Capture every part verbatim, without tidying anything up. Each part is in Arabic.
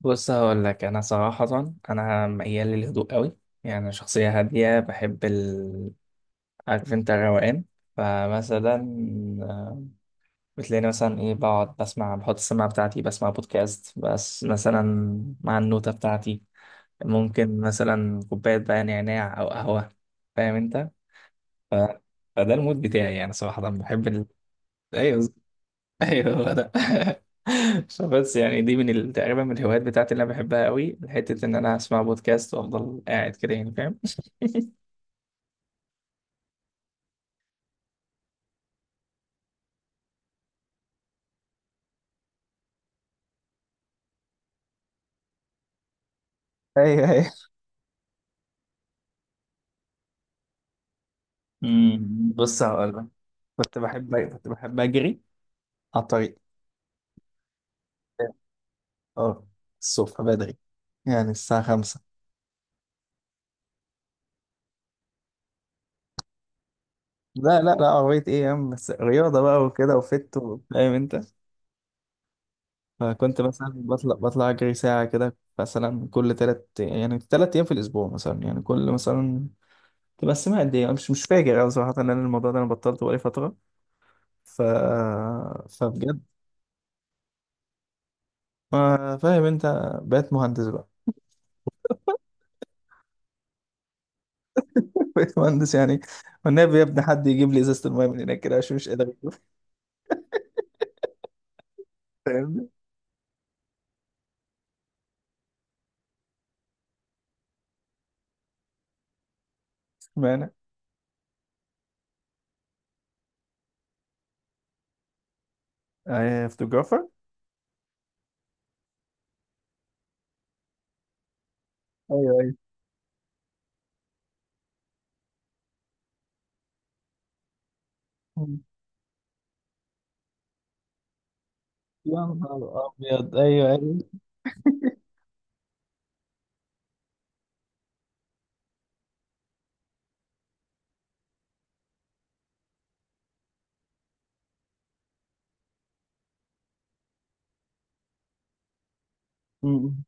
بص هقول لك انا صراحه، انا ميال للهدوء قوي. يعني أنا شخصيه هاديه، بحب ال، عارف انت، الروقان. فمثلا آه، بتلاقيني مثلا ايه، بقعد بسمع، بحط السماعه بتاعتي بسمع بودكاست، بس مثلا مع النوته بتاعتي ممكن مثلا كوبايه بقى نعناع او قهوه. فاهم انت. ف... فده المود بتاعي، يعني صراحه بحب ال... ايوه، ايوه هو ده. فبس يعني دي من ال- تقريبا من الهوايات بتاعتي اللي انا بحبها قوي، حته ان انا اسمع بودكاست وافضل قاعد كده يعني. فاهم؟ ايوه ايوه. امم، بص هقول لك، كنت بحب كنت بحب اجري على الطريق. اه، الصبح بدري، يعني الساعة خمسة. لا لا لا، عربية ايه يا عم، بس رياضة بقى وكده وفت و- فاهم انت. فكنت مثلا بطلع بطلع اجري ساعة كده مثلا، كل تلات يعني تلات ايام في الاسبوع مثلا، يعني كل مثلا تبقى السماء قد ايه، مش مش فاكر أوي صراحة. ان انا الموضوع ده انا بطلته بقالي فترة. ف فبجد، ما فاهم انت، بقيت مهندس بقى. بقيت مهندس يعني. والنبي يا ابني حد يجيب لي ازازة المايه من هناك كده عشان مش قادر أجيبها. فاهمني معنى؟ آه فوتوغرافر. ايوه ايوه. مم. يا نهار ابيض، ايوه ايوه. مم.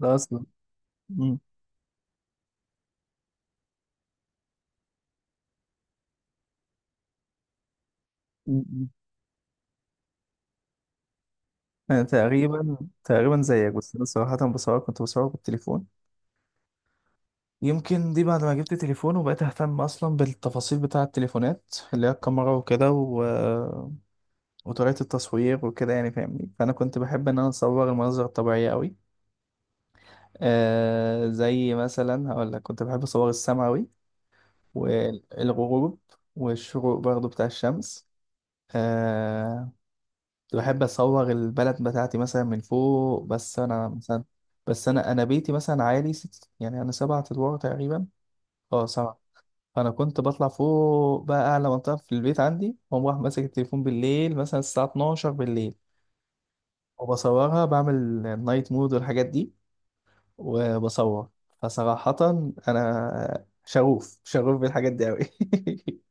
ده اصلا. مم. مم. انا تقريبا، تقريبا زيك، بس انا صراحة بصور، كنت بصور بالتليفون. يمكن دي بعد ما جبت تليفون وبقيت اهتم اصلا بالتفاصيل بتاع التليفونات، اللي هي الكاميرا وكده و... وطريقة التصوير وكده، يعني فاهمني. فانا كنت بحب ان انا اصور المناظر الطبيعية قوي. آه، زي مثلا هقول لك، كنت بحب اصور السما قوي، والغروب، والشروق برضو بتاع الشمس. آه، كنت بحب اصور البلد بتاعتي مثلا من فوق. بس انا مثلا، بس انا انا بيتي مثلا عالي ست، يعني انا سبعة ادوار تقريبا. اه سبعة. فانا كنت بطلع فوق بقى، اعلى منطقه في البيت عندي، واقوم رايح ماسك التليفون بالليل، مثلا الساعه اتناشر بالليل، وبصورها، بعمل نايت مود والحاجات دي، وبصور. فصراحه انا شغوف شغوف بالحاجات دي قوي.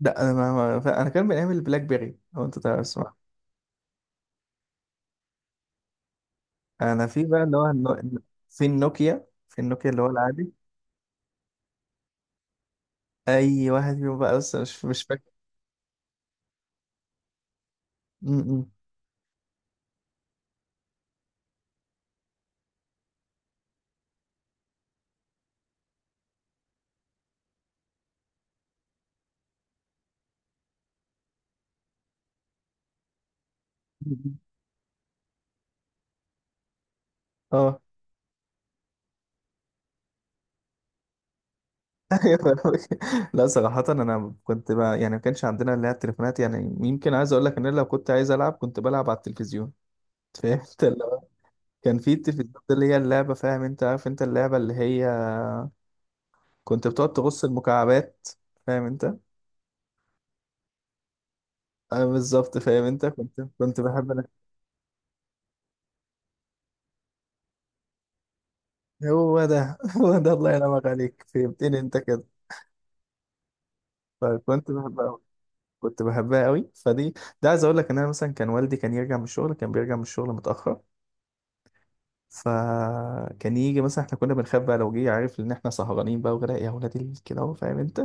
لا انا ما ما- ف- انا كان بنعمل بلاك بيري، لو انت تعرف اسمها. انا في بقى اللي هو النو... في النوكيا، في النوكيا اللي هو العادي. اي واحد فيهم بقى، بس مش مش فاكر. م- م. اه. أيوة، فاهمك. لا صراحة أنا كنت بقى، يعني ما كانش عندنا اللي هي التليفونات، يعني يمكن عايز أقول لك إن أنا لو كنت عايز ألعب كنت بلعب على التلفزيون. فاهم أنت؟ اللي هو كان في التلفزيون ده، اللي هي اللعبة، فاهم أنت، عارف أنت اللعبة اللي هي كنت بتقعد تغص المكعبات، فاهم أنت؟ أه بالظبط، فاهم أنت. كنت كنت بحب أنا. هو ده. هو ده، الله ينعمك عليك، فهمتني أنت كده. فكنت بحبها أوي. كنت بحبها أوي فدي. ده عايز أقول لك إن أنا مثلا كان والدي كان يرجع من الشغل، كان بيرجع من الشغل متأخر. فكان يجي مثلا، احنا كنا بنخاف بقى لو جه، عارف ان احنا سهرانين بقى وكده، يا ولاد ال- كده اهو، فاهم انت.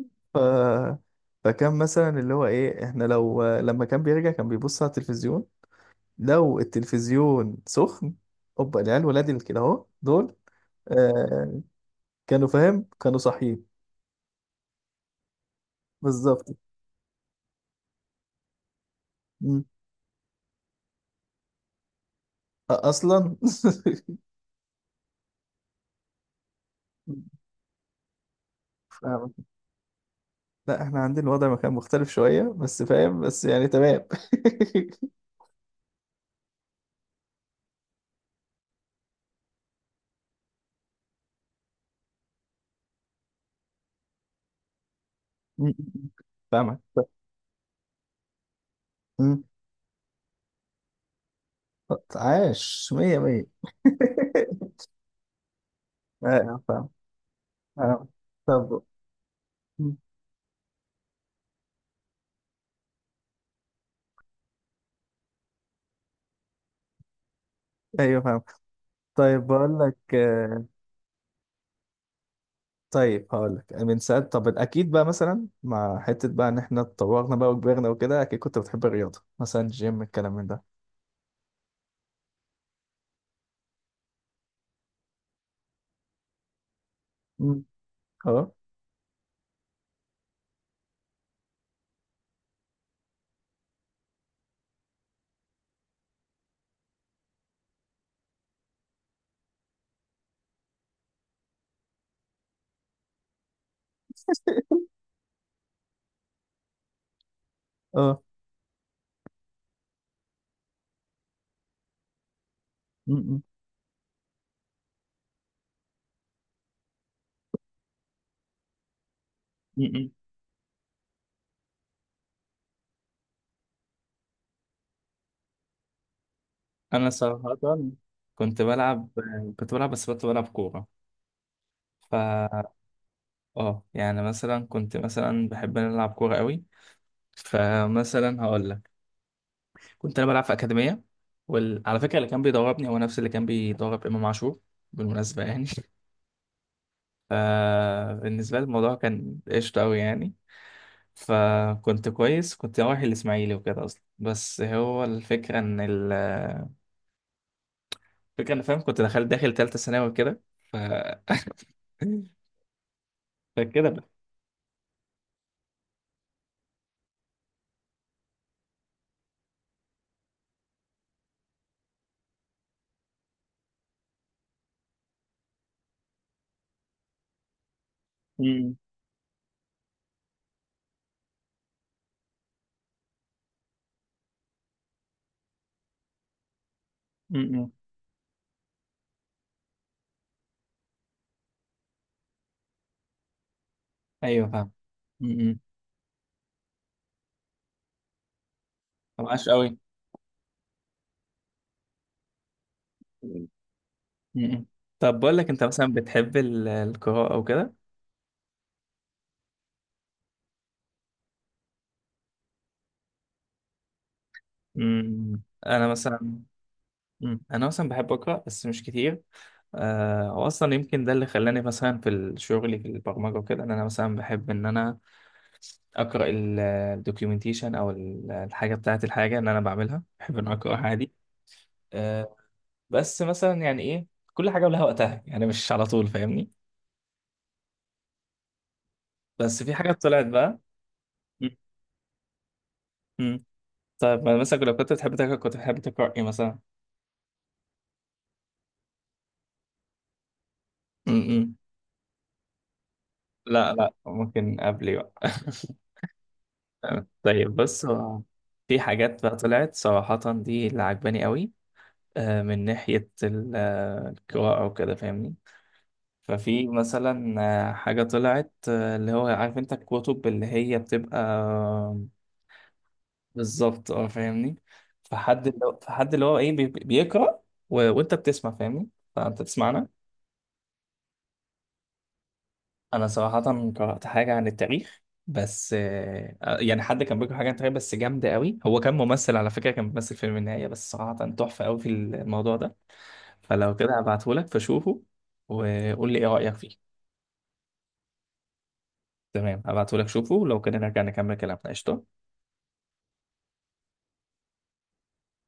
ف... فكان مثلا اللي هو ايه، احنا لو لما كان بيرجع كان بيبص على التلفزيون، لو التلفزيون سخن، اوبا العيال ولاد ال- كده اهو دول. آه، كانوا فاهم، كانوا صاحيين. بالظبط. مم. أ- اصلا. فاهمك. لا احنا عندنا الوضع ما كان مختلف شوية، بس فاهم، بس يعني تمام. مم. فاهمك. عاش، مية مية. ايوه فاهم. آه. طب. ايوه فاهم. طيب بقول لك، آه، طيب هقول لك من ساعات، طب اكيد بقى مثلا مع حته بقى ان احنا اتطورنا بقى وكبرنا وكده، اكيد كنت بتحب الرياضه مثلا، جيم، الكلام من ده. مم. اه. اه. مم. م-م. انا صراحة كنت بلعب، كنت بلعب، بس كنت بلعب كورة. ف اه يعني مثلا كنت مثلا بحب أن أنا العب كورة قوي. فمثلا هقول لك، كنت انا بلعب في اكاديميه، وعلى فكره اللي كان بيدربني هو نفس اللي كان بيدرب امام عاشور، بالمناسبه يعني. فبالنسبه لي الموضوع كان قشطه قوي يعني. فكنت كويس، كنت رايح الاسماعيلي وكده اصلا. بس هو الفكره ان ال، الفكره ان، فاهم، كنت دخلت داخل ثالثه ثانوي وكده. ف فكده بقى. م- م- م. ايوه فاهم. م- م. ما معاش قوي. م- م. طب بقول لك انت مثلا بتحب ال- القراءه وكده؟ م- م. انا مثلا. مم. انا مثلا بحب اقرا بس مش كتير. آه، واصلا يمكن ده اللي خلاني مثلا في الشغل في البرمجه وكده، ان انا مثلا بحب ان انا اقرا الدوكيومنتيشن، او ال- الحاجه بتاعه، الحاجه اللي انا بعملها بحب ان أنا اقراها عادي. آه، بس مثلا يعني ايه، كل حاجه ولها وقتها يعني، مش على طول، فاهمني. بس في حاجه طلعت بقى. مم. مم. طيب ما مثلا، لو كنت بتحب تقرا، كنت بتحب تقرا ايه مثلا؟ مم. مم. لا لا، ممكن قبلي بقى. طيب بص، هو في حاجات بقى طلعت صراحة دي اللي عجباني قوي، آه، من ناحية ال- آه، القراءة وكده، فاهمني. ففي مثلا آه، حاجة طلعت، آه، اللي هو عارف انت الكتب اللي هي بتبقى، بالظبط، اه فاهمني. فحد اللي هو فحد اللي هو ايه، بي- بيقرأ، و... وانت بتسمع، فاهمني. فانت تسمعنا. انا صراحه قرات حاجه عن التاريخ، بس آه، يعني حد كان بيقرا حاجه عن التاريخ بس جامده قوي، هو كان ممثل على فكره، كان بيمثل فيلم النهايه، بس صراحه تحفه قوي في الموضوع ده. فلو كده هبعتهولك فشوفه وقول لي ايه رايك فيه. تمام هبعتهولك، شوفه لو كده نرجع نكمل كلامنا، قشطه.